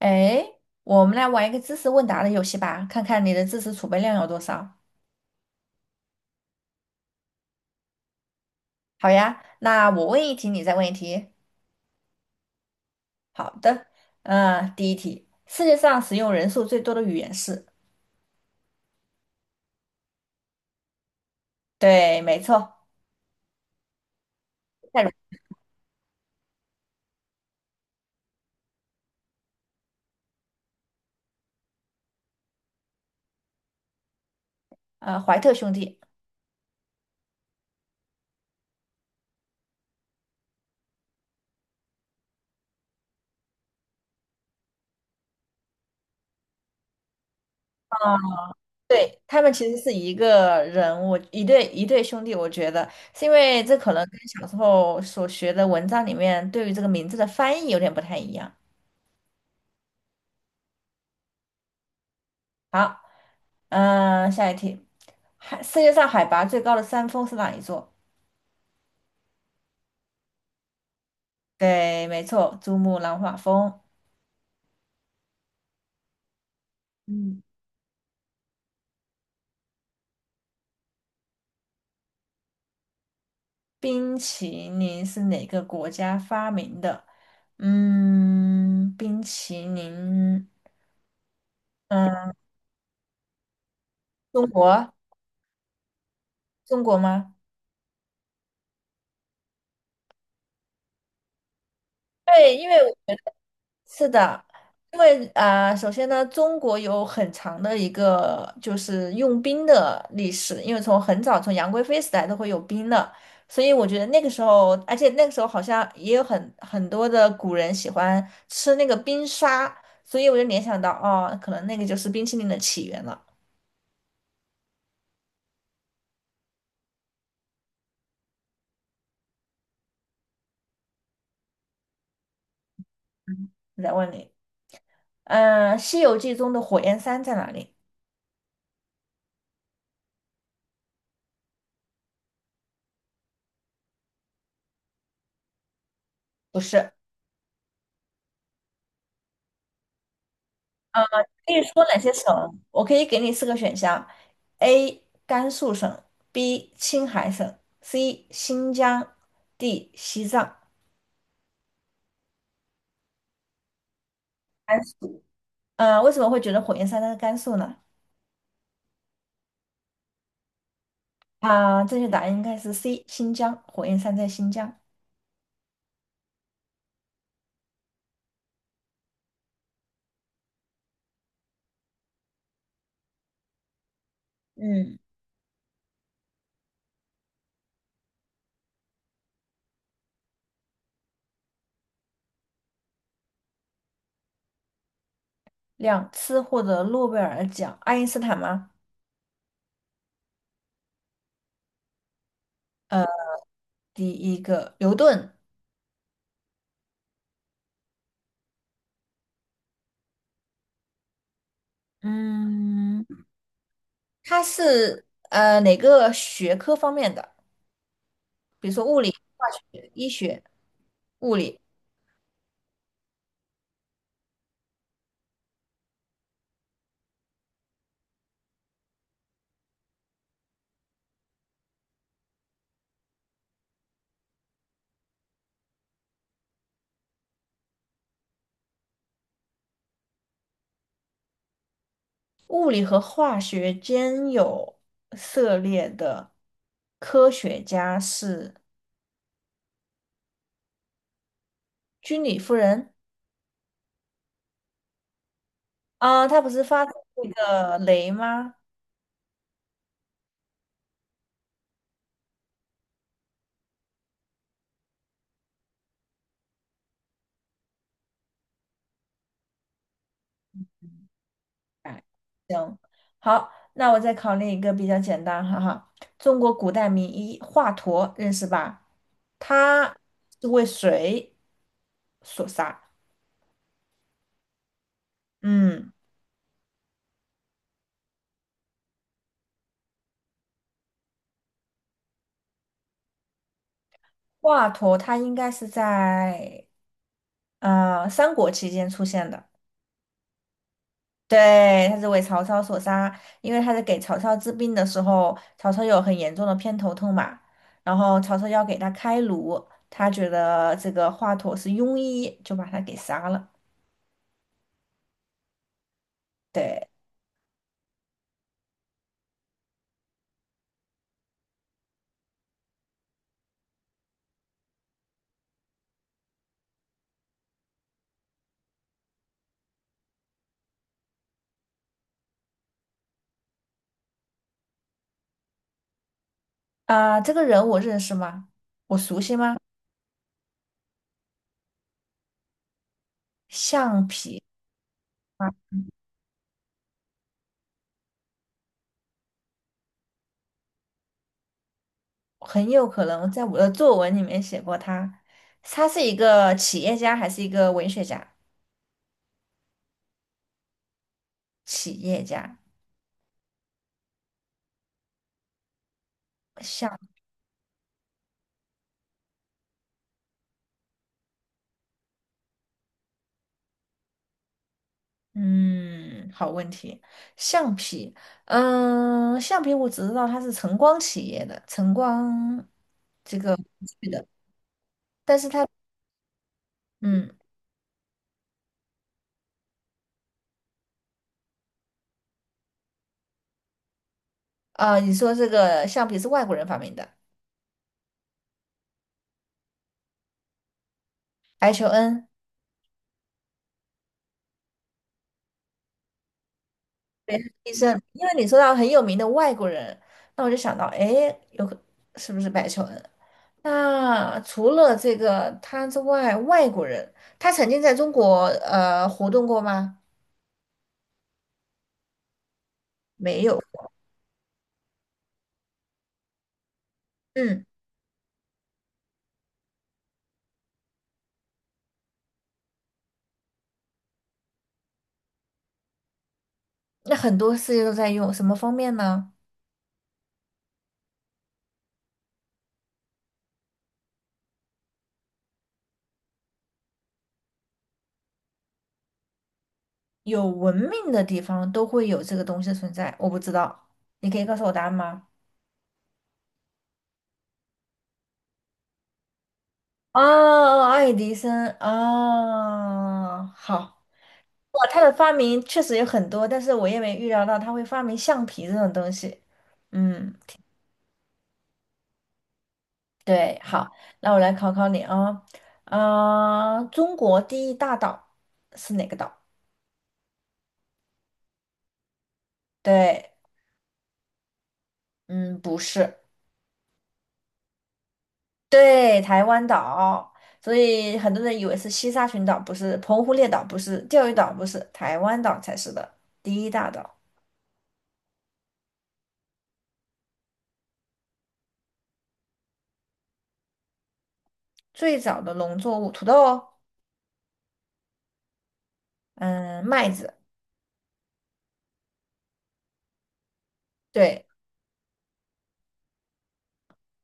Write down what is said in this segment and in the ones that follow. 哎，我们来玩一个知识问答的游戏吧，看看你的知识储备量有多少。好呀，那我问一题，你再问一题。好的，第一题，世界上使用人数最多的语言是？对，没错，泰鲁。怀特兄弟。对，他们其实是一个人，我一对兄弟，我觉得是因为这可能跟小时候所学的文章里面对于这个名字的翻译有点不太一样。好，下一题，世界上海拔最高的山峰是哪一座？对，没错，珠穆朗玛峰。嗯，冰淇淋是哪个国家发明的？冰淇淋，嗯，中国，中国吗？对，是的，因为首先呢，中国有很长的一个就是用冰的历史，因为从很早从杨贵妃时代都会有冰的，所以我觉得那个时候，而且那个时候好像也有很多的古人喜欢吃那个冰沙，所以我就联想到，哦，可能那个就是冰淇淋的起源了。我再问你，西游记》中的火焰山在哪里？不是。可以说哪些省？我可以给你四个选项：A. 甘肃省，B. 青海省，C. 新疆，D. 西藏。甘肃。为什么会觉得火焰山在甘肃呢？正确答案应该是 C. 新疆，火焰山在新疆。嗯，两次获得诺贝尔奖，爱因斯坦吗？第一个牛顿，嗯，他是哪个学科方面的？化学、医学、物理。物理和化学兼有涉猎的科学家是居里夫人。她不是发明那个镭吗？哎，行，好，那我再考虑一个比较简单，哈哈。中国古代名医华佗认识吧？他是为谁所杀？嗯，华佗他应该是在三国期间出现的。对，他是为曹操所杀，因为他在给曹操治病的时候，曹操有很严重的偏头痛嘛，然后曹操要给他开颅，他觉得这个华佗是庸医，就把他给杀了。对，这个人我认识吗？我熟悉吗？橡皮啊，很有可能在我的作文里面写过他。他是一个企业家还是一个文学家？企业家。嗯，好问题。橡皮，橡皮我只知道它是晨光企业的，晨光这个去的，但是它，嗯，你说这个橡皮是外国人发明的。白求恩，对，医生，因为你说到很有名的外国人，那我就想到，哎，有个是不是白求恩？那除了这个他之外，外国人他曾经在中国活动过吗？没有。嗯。那很多世界都在用，什么方面呢？有文明的地方都会有这个东西的存在，我不知道，你可以告诉我答案吗？啊，爱迪生啊，好，哇，他的发明确实有很多，但是我也没预料到他会发明橡皮这种东西。嗯，对，好，那我来考考你啊，中国第一大岛是哪个岛？对，嗯，不是，对，台湾岛，所以很多人以为是西沙群岛，不是澎湖列岛，不是钓鱼岛，不是台湾岛才是的第一大岛。最早的农作物，土豆哦，嗯，麦子，对，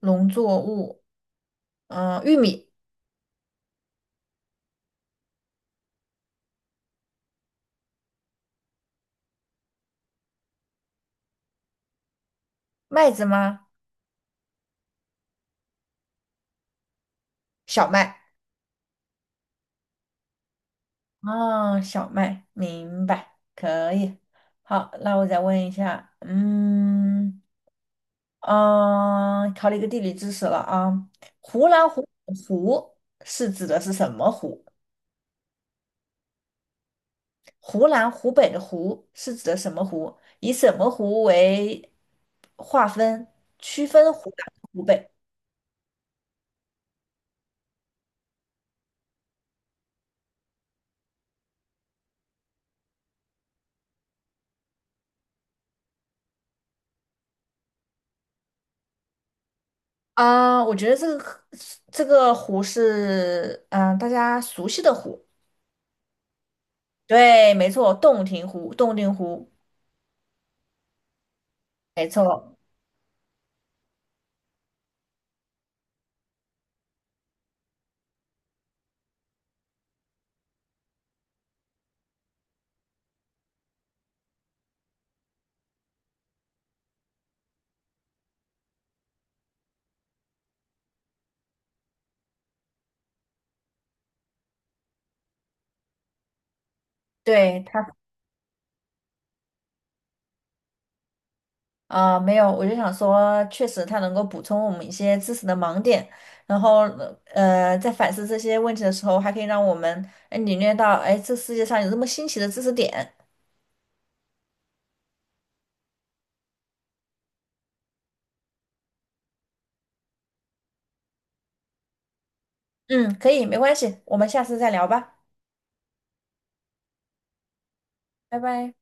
农作物，玉米，麦子吗？小麦，哦，小麦，明白，可以。好，那我再问一下，考了一个地理知识了啊，湖南湖口湖是指的是什么湖？湖南、湖北的湖是指的什么湖？以什么湖为划分区分湖南和湖北？我觉得这个可这个湖是大家熟悉的湖，对，没错，洞庭湖，洞庭湖，没错，对它没有，我就想说，确实它能够补充我们一些知识的盲点，然后在反思这些问题的时候，还可以让我们领略到这世界上有这么新奇的知识点。嗯，可以，没关系，我们下次再聊吧，拜拜。